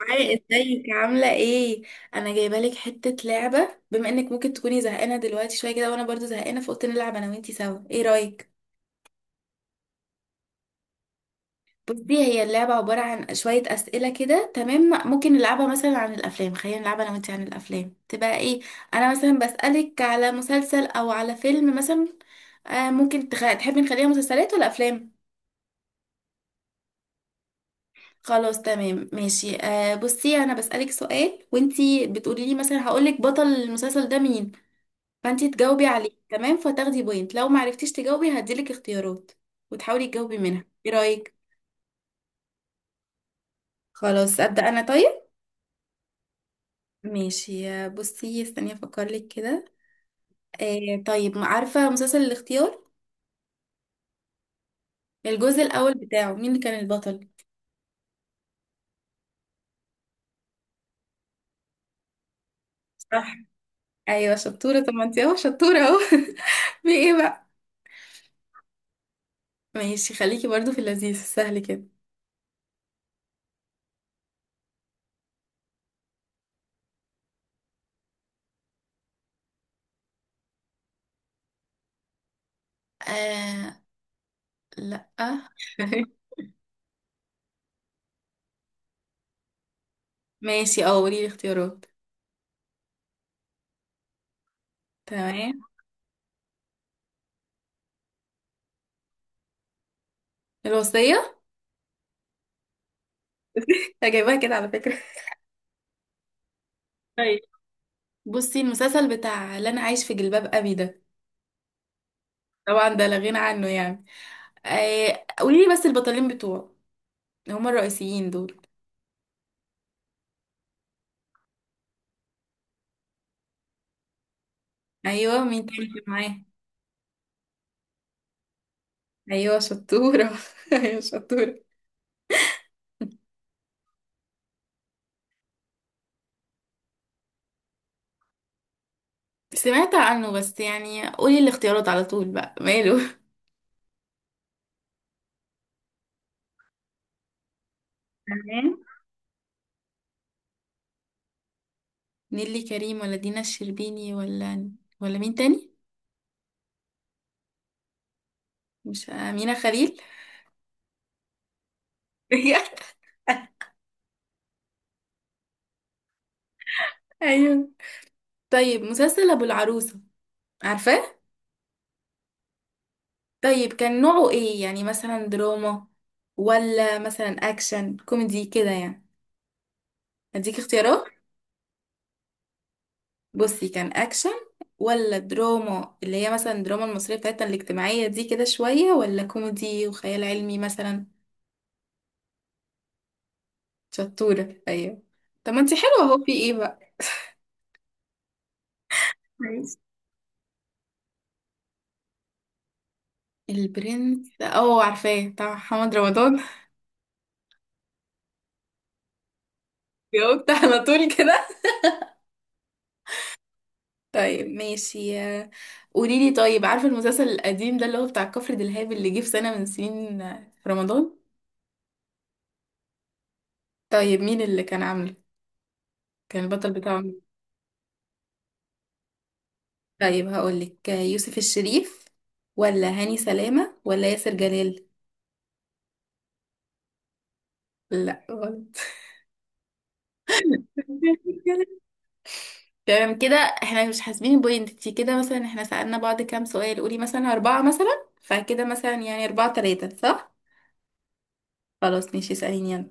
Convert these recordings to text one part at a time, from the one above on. معايا، ازيك؟ عاملة ايه؟ انا جايبة لك حتة لعبة، بما انك ممكن تكوني زهقانة دلوقتي شوية كده وانا برضو زهقانة، فقلت نلعب انا وانتي سوا. ايه رأيك؟ بصي، هي اللعبة عبارة عن شوية أسئلة كده. تمام؟ ممكن نلعبها مثلا عن الأفلام. خلينا نلعبها أنا وأنتي عن الأفلام تبقى إيه؟ أنا مثلا بسألك على مسلسل أو على فيلم مثلا. ممكن تحبي نخليها مسلسلات ولا أفلام؟ خلاص، تمام، ماشي. بصي، أنا بسألك سؤال وأنتي بتقولي لي، مثلا هقولك بطل المسلسل ده مين، فانت تجاوبي عليه، تمام؟ فتاخدي بوينت. لو ما عرفتيش تجاوبي هديلك اختيارات وتحاولي تجاوبي منها. ايه رأيك؟ خلاص، أبدأ أنا طيب. ماشي، بصي، استني افكر لك كده. طيب، عارفة مسلسل الاختيار؟ الجزء الأول بتاعه مين اللي كان البطل؟ صح. ايوه، شطورة. طب ما انت اهو شطورة اهو. في ايه بقى؟ ماشي، خليكي برضو في اللذيذ السهل كده. آه، لا. ماشي، قولي لي الاختيارات. تمام. الوصية. أنا جايباها كده على فكرة. طيب، بصي، المسلسل بتاع اللي انا عايش في جلباب ابي ده، طبعا ده لا غنى عنه يعني. قولي لي بس البطلين بتوعه هما الرئيسيين دول. ايوه، مين تاني كان معاه؟ ايوه شطوره. ايوه شطوره. سمعت عنه بس، يعني قولي الاختيارات على طول بقى، ماله. تمام. نيلي كريم ولا دينا الشربيني ولا مين تاني؟ مش امينه خليل؟ ايوه. طيب، مسلسل ابو العروسه، عارفاه؟ طيب، كان نوعه ايه؟ يعني مثلا دراما ولا مثلا اكشن كوميدي كده يعني. اديك اختيارات. بصي، كان اكشن ولا دراما اللي هي مثلا الدراما المصرية بتاعتنا الاجتماعية دي كده شوية، ولا كوميدي وخيال علمي مثلا؟ شطورة، ايوه. طب ما انتي حلوة اهو. في ايه بقى؟ كويس. البرنس، اه، عارفاه، بتاع محمد رمضان. جاوبت على طول كده. طيب، ماشي. قولي لي، طيب، عارفة المسلسل القديم ده اللي هو بتاع كفر دلهاب اللي جه في سنة من سنين، في رمضان؟ طيب، مين اللي كان عامله؟ كان البطل بتاعه مين؟ طيب هقولك يوسف الشريف ولا هاني سلامة ولا ياسر جلال؟ لا، غلط. تمام كده. احنا مش حاسبين بوينت انتي كده، مثلا احنا سألنا بعض كام سؤال، قولي مثلا أربعة مثلا، فكده مثلا يعني أربعة تلاتة. صح؟ خلاص، ماشي، اسأليني يلا.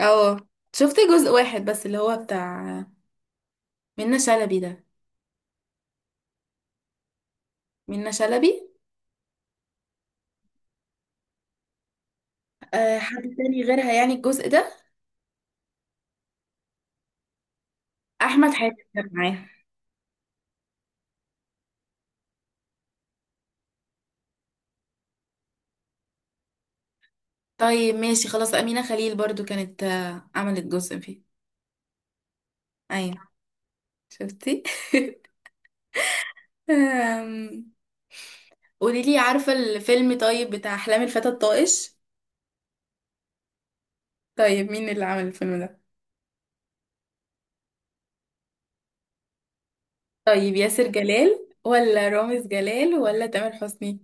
اه، شفت جزء واحد بس اللي هو بتاع منة شلبي ده. منة شلبي. أه، حد تاني غيرها يعني الجزء ده؟ أحمد حاتم كان معاها؟ طيب، ماشي، خلاص. أمينة خليل برضو كانت، عملت جزء فيه. أيوة. شفتي؟ أم، قولي لي، عارفة الفيلم طيب بتاع أحلام الفتى الطائش؟ طيب، مين اللي عمل الفيلم ده؟ طيب، ياسر جلال ولا رامز جلال ولا تامر حسني؟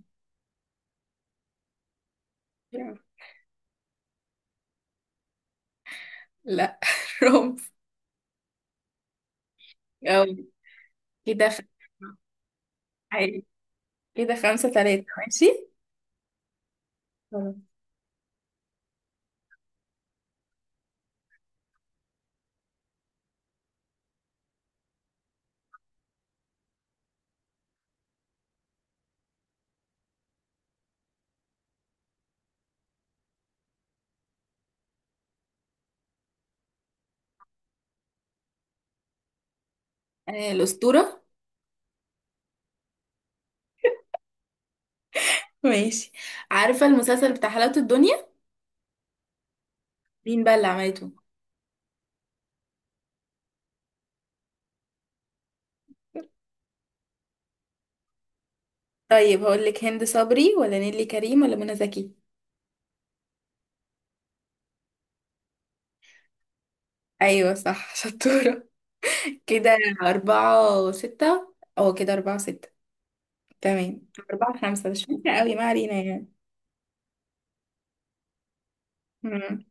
لا. رامز. أوي. كده عادي. كده خمسة تلاتة، ماشي. خلاص. الأسطورة. ماشي. عارفة المسلسل بتاع حلاوة الدنيا؟ مين بقى اللي عملته؟ طيب هقول لك: هند صبري ولا نيلي كريم ولا منى زكي؟ ايوه، صح. شطورة كده. أربعة وستة، او كده أربعة وستة، تمام. أربعة خمسة، مش فاكرة قوي، ما علينا يعني. مم.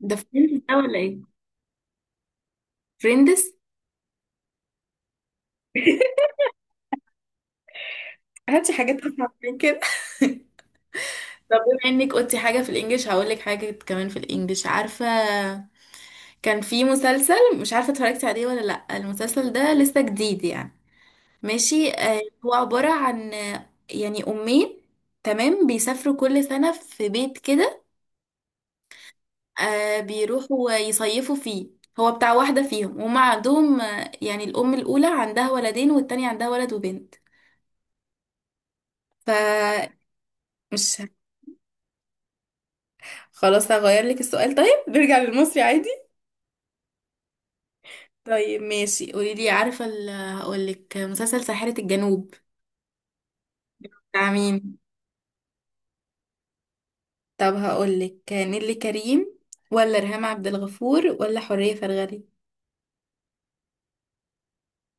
ده فريندز ده ولا ايه؟ فريندز. هاتي حاجات اصعب من كده. طب بما انك قلتي حاجة في الانجليش، هقول لك حاجة كمان في الانجليش. عارفة؟ كان في مسلسل، مش عارفة اتفرجتي عليه ولا لا. المسلسل ده لسه جديد يعني. ماشي. هو عبارة عن يعني أمين، تمام، بيسافروا كل سنة في بيت كده. بيروحوا يصيفوا فيه. هو بتاع واحدة فيهم، وهم عندهم، يعني الأم الأولى عندها ولدين والتانية عندها ولد وبنت. فمش... خلاص، هغير لك السؤال طيب، نرجع للمصري عادي. طيب، ماشي، قولي لي، عارفة هقولك مسلسل ساحرة الجنوب بتاع مين؟ طب هقولك نيللي كريم ولا ريهام عبد الغفور ولا حورية فرغلي؟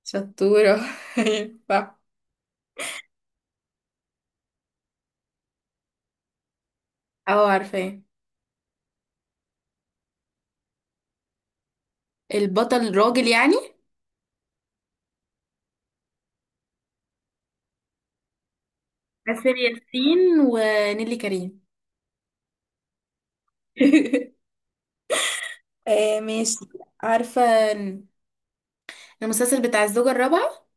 شطورة. أيوة، صح. اه، عارفاه. البطل راجل يعني؟ آسر ياسين ونيلي كريم. ماشي. عارفة المسلسل بتاع الزوجة الرابعة؟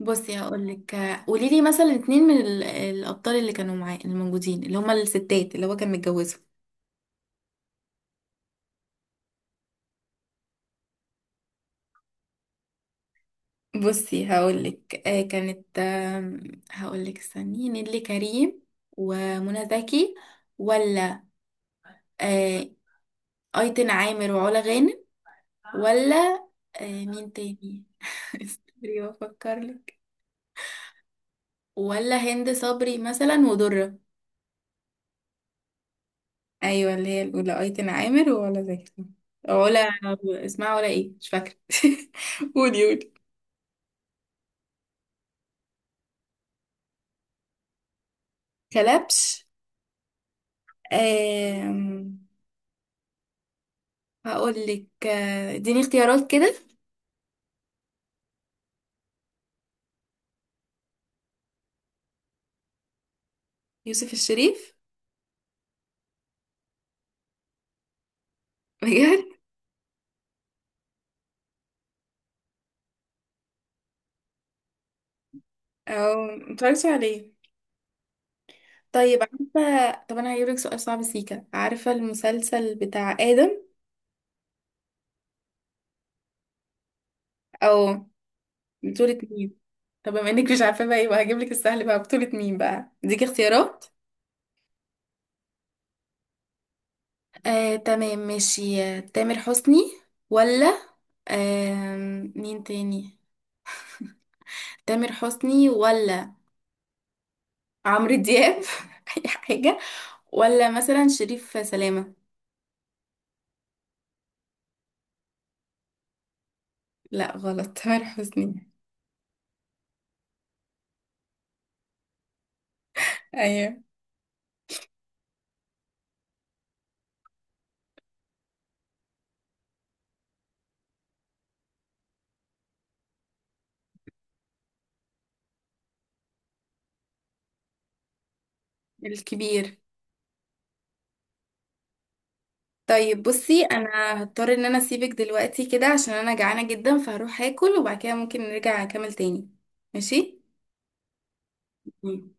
بصي، هقولك. قولي لي مثلا اتنين من الأبطال اللي كانوا معاه الموجودين، اللي هما الستات اللي هو كان متجوزهم. بصي هقولك كانت هقولك، استني، نيللي كريم ومنى زكي، ولا آه أيتن عامر وعلا غانم، ولا مين تاني؟ استني بفكر لك. ولا هند صبري مثلا ودرة؟ ايوه، اللي هي الاولى ايتن عامر ولا زكي، أو ولا اسمها ولا ايه، مش فاكره. قولي قولي. كلبش. آم... هقول لك اديني اختيارات كده. يوسف الشريف. بجد؟ او متفرجتش عليه. طيب، عارفه؟ طب انا هجيب لك سؤال صعب، سيكا، عارفه المسلسل بتاع ادم؟ او بطولة مين؟ طب بما انك مش عارفة بقى، يبقى هجيب لك السهل بقى. بطولة مين بقى؟ اديك اختيارات. تمام، ماشي. تامر حسني ولا مين تاني، تامر حسني ولا عمرو دياب اي حاجة، ولا مثلا شريف سلامة؟ لا، غلط، تامر حسني. ايوه. الكبير. طيب، بصي، انا هضطر ان انا اسيبك دلوقتي كده، عشان انا جعانة جدا، فهروح اكل وبعد كده ممكن نرجع نكمل تاني. ماشي. مم.